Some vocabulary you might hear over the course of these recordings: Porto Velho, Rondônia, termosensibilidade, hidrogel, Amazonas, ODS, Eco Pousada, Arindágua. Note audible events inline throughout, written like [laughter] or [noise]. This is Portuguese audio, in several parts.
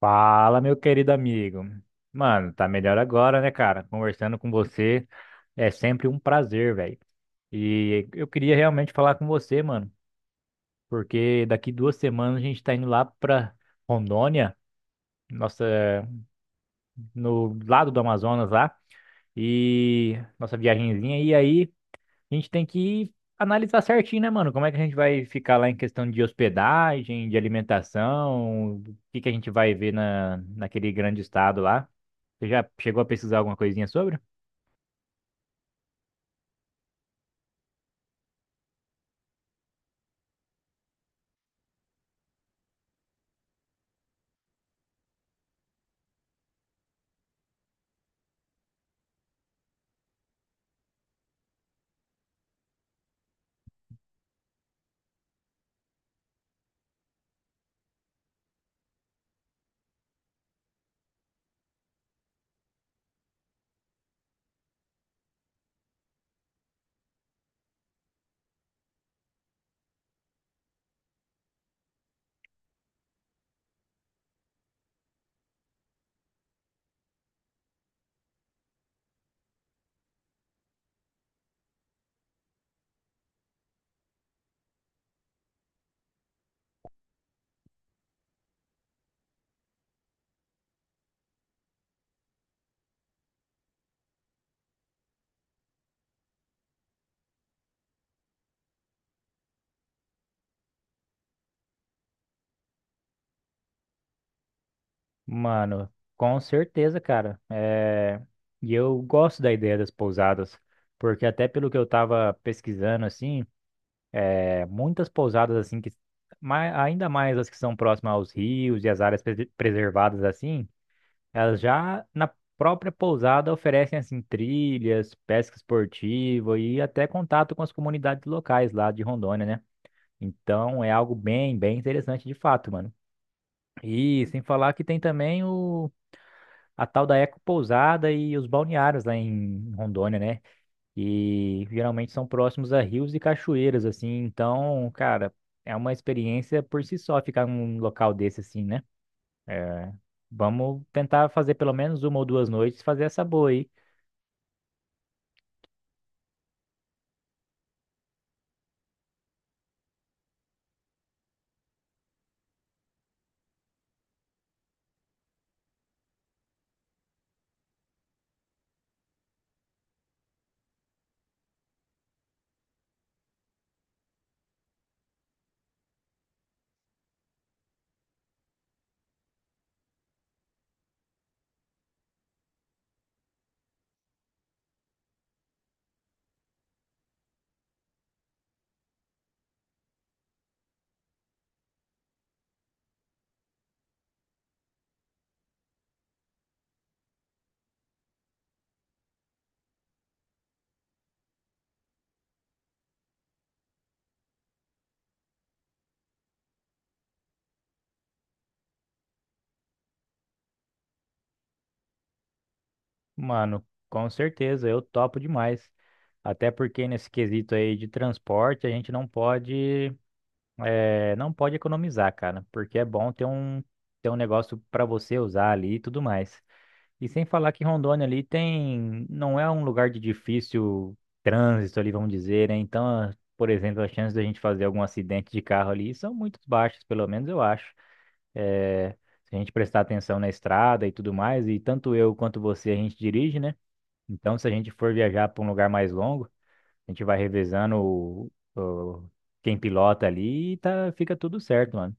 Fala, meu querido amigo. Mano, tá melhor agora, né, cara? Conversando com você é sempre um prazer, velho. E eu queria realmente falar com você, mano, porque daqui duas semanas a gente tá indo lá pra Rondônia, nossa, no lado do Amazonas lá, e nossa viagenzinha. E aí a gente tem que analisar certinho, né, mano? Como é que a gente vai ficar lá em questão de hospedagem, de alimentação, o que que a gente vai ver naquele grande estado lá? Você já chegou a pesquisar alguma coisinha sobre? Mano, com certeza, cara. E eu gosto da ideia das pousadas, porque até pelo que eu tava pesquisando, assim, muitas pousadas, assim, ainda mais as que são próximas aos rios e as áreas preservadas, assim, elas já na própria pousada oferecem assim trilhas, pesca esportiva e até contato com as comunidades locais lá de Rondônia, né? Então é algo bem, bem interessante de fato, mano. E sem falar que tem também o a tal da Eco Pousada e os balneários lá em Rondônia, né? E geralmente são próximos a rios e cachoeiras assim, então, cara, é uma experiência por si só ficar num local desse assim, né? É, vamos tentar fazer pelo menos uma ou duas noites, fazer essa boa aí. Mano, com certeza, eu topo demais. Até porque nesse quesito aí de transporte, a gente não pode, é, não pode economizar, cara, porque é bom ter ter um negócio pra você usar ali e tudo mais. E sem falar que Rondônia ali tem, não é um lugar de difícil trânsito ali, vamos dizer, né? Então, por exemplo, as chances da gente fazer algum acidente de carro ali são muito baixas, pelo menos eu acho. eh, Se a gente prestar atenção na estrada e tudo mais, e tanto eu quanto você a gente dirige, né? Então, se a gente for viajar para um lugar mais longo, a gente vai revezando quem pilota ali e tá, fica tudo certo, mano.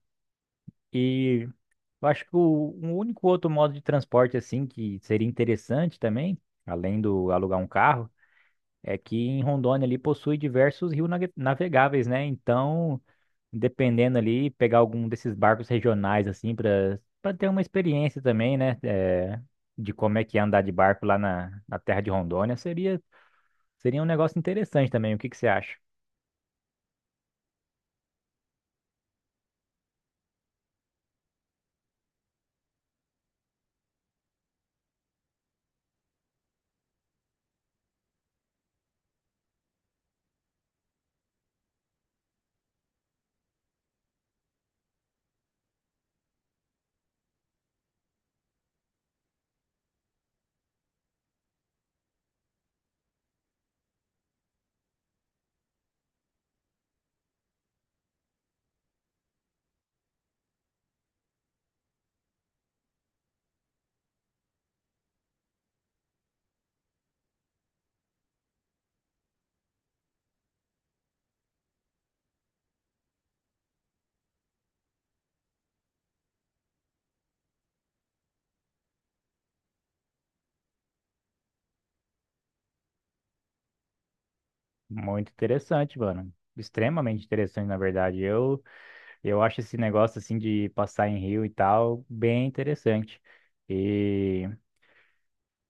E eu acho que um único outro modo de transporte, assim, que seria interessante também, além do alugar um carro, é que em Rondônia ali possui diversos rios navegáveis, né? Então dependendo ali, pegar algum desses barcos regionais, assim, para ter uma experiência também, né? É, de como é que é andar de barco lá na terra de Rondônia, seria um negócio interessante também. O que que você acha? Muito interessante, mano. Extremamente interessante, na verdade. Eu acho esse negócio, assim, de passar em rio e tal, bem interessante.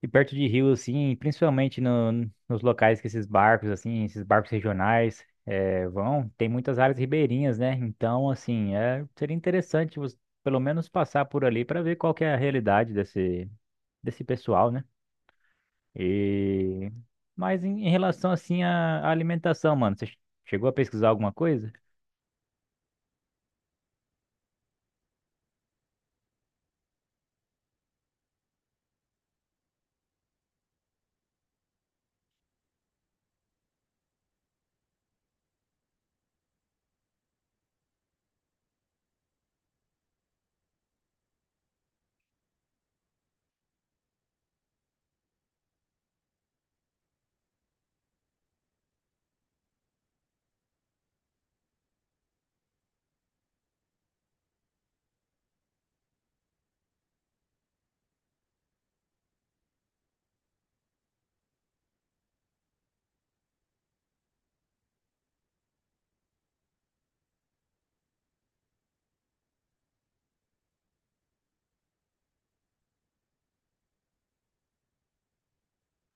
E perto de rio, assim, principalmente no- nos locais que esses barcos, assim, esses barcos regionais vão, tem muitas áreas ribeirinhas, né? Então, assim, é, seria interessante você, pelo menos passar por ali para ver qual que é a realidade desse pessoal, né? E... Mas em relação, assim, à alimentação, mano, você chegou a pesquisar alguma coisa?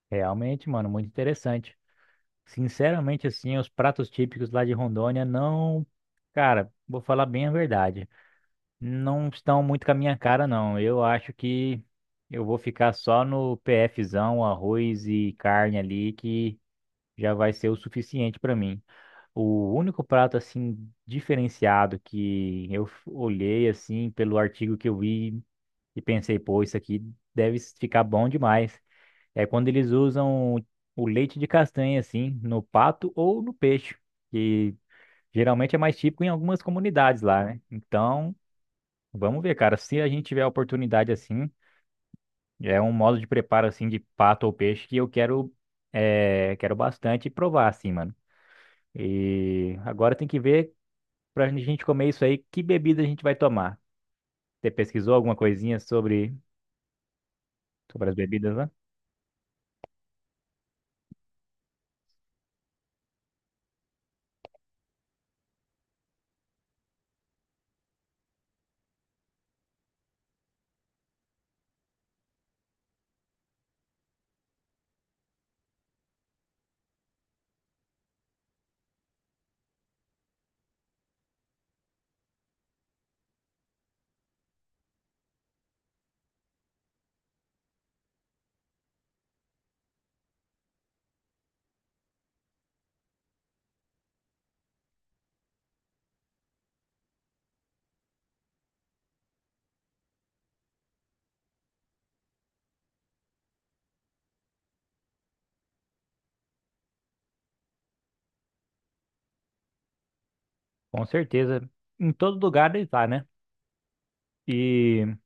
Realmente, mano, muito interessante. Sinceramente, assim, os pratos típicos lá de Rondônia não... Cara, vou falar bem a verdade. Não estão muito com a minha cara, não. Eu acho que eu vou ficar só no PFzão, arroz e carne ali, que já vai ser o suficiente para mim. O único prato, assim, diferenciado que olhei, assim, pelo artigo que eu vi e pensei, pô, isso aqui ficar bom demais, é quando eles usam o leite de castanha, assim, no pato ou no peixe, que geralmente é mais típico em algumas comunidades lá, né? Então, vamos ver, cara. Se a gente tiver a oportunidade assim, é um modo de preparo assim de pato ou peixe que quero bastante provar assim, mano. E agora tem que ver pra gente comer isso aí, que bebida a gente vai tomar. Você pesquisou alguma coisinha sobre, sobre as bebidas lá? Com certeza. Em todo lugar deve estar, né? E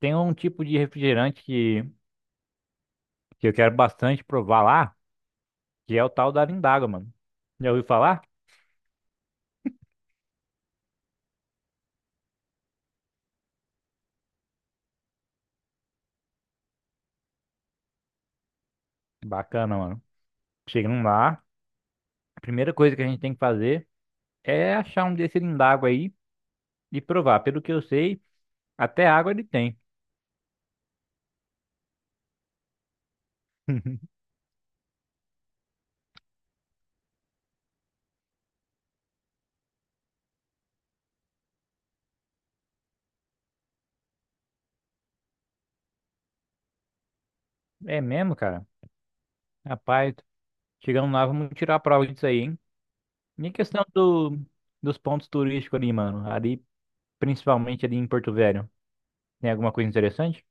tem um tipo de refrigerante que eu quero bastante provar lá, que é o tal da Arindágua, mano. Já ouviu falar? Bacana, mano. Chegando lá, a primeira coisa que a gente tem que fazer é achar um desse lindago aí e provar. Pelo que eu sei, até água ele tem. [laughs] É mesmo, cara? Rapaz, chegando lá, vamos tirar a prova disso aí, hein? E a questão do, dos pontos turísticos ali, mano. Ali, principalmente ali em Porto Velho. Tem alguma coisa interessante?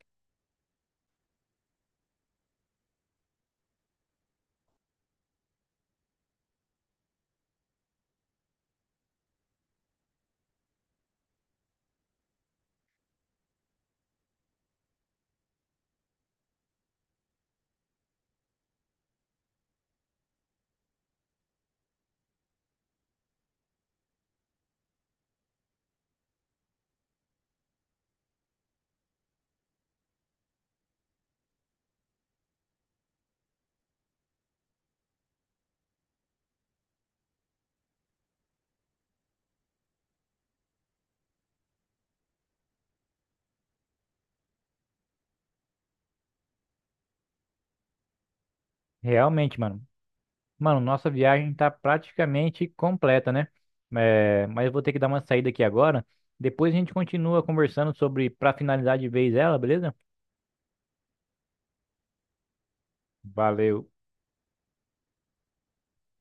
Realmente, mano. Mano, nossa viagem tá praticamente completa, né? É, mas eu vou ter que dar uma saída aqui agora. Depois a gente continua conversando sobre, pra finalizar de vez ela, beleza? Valeu.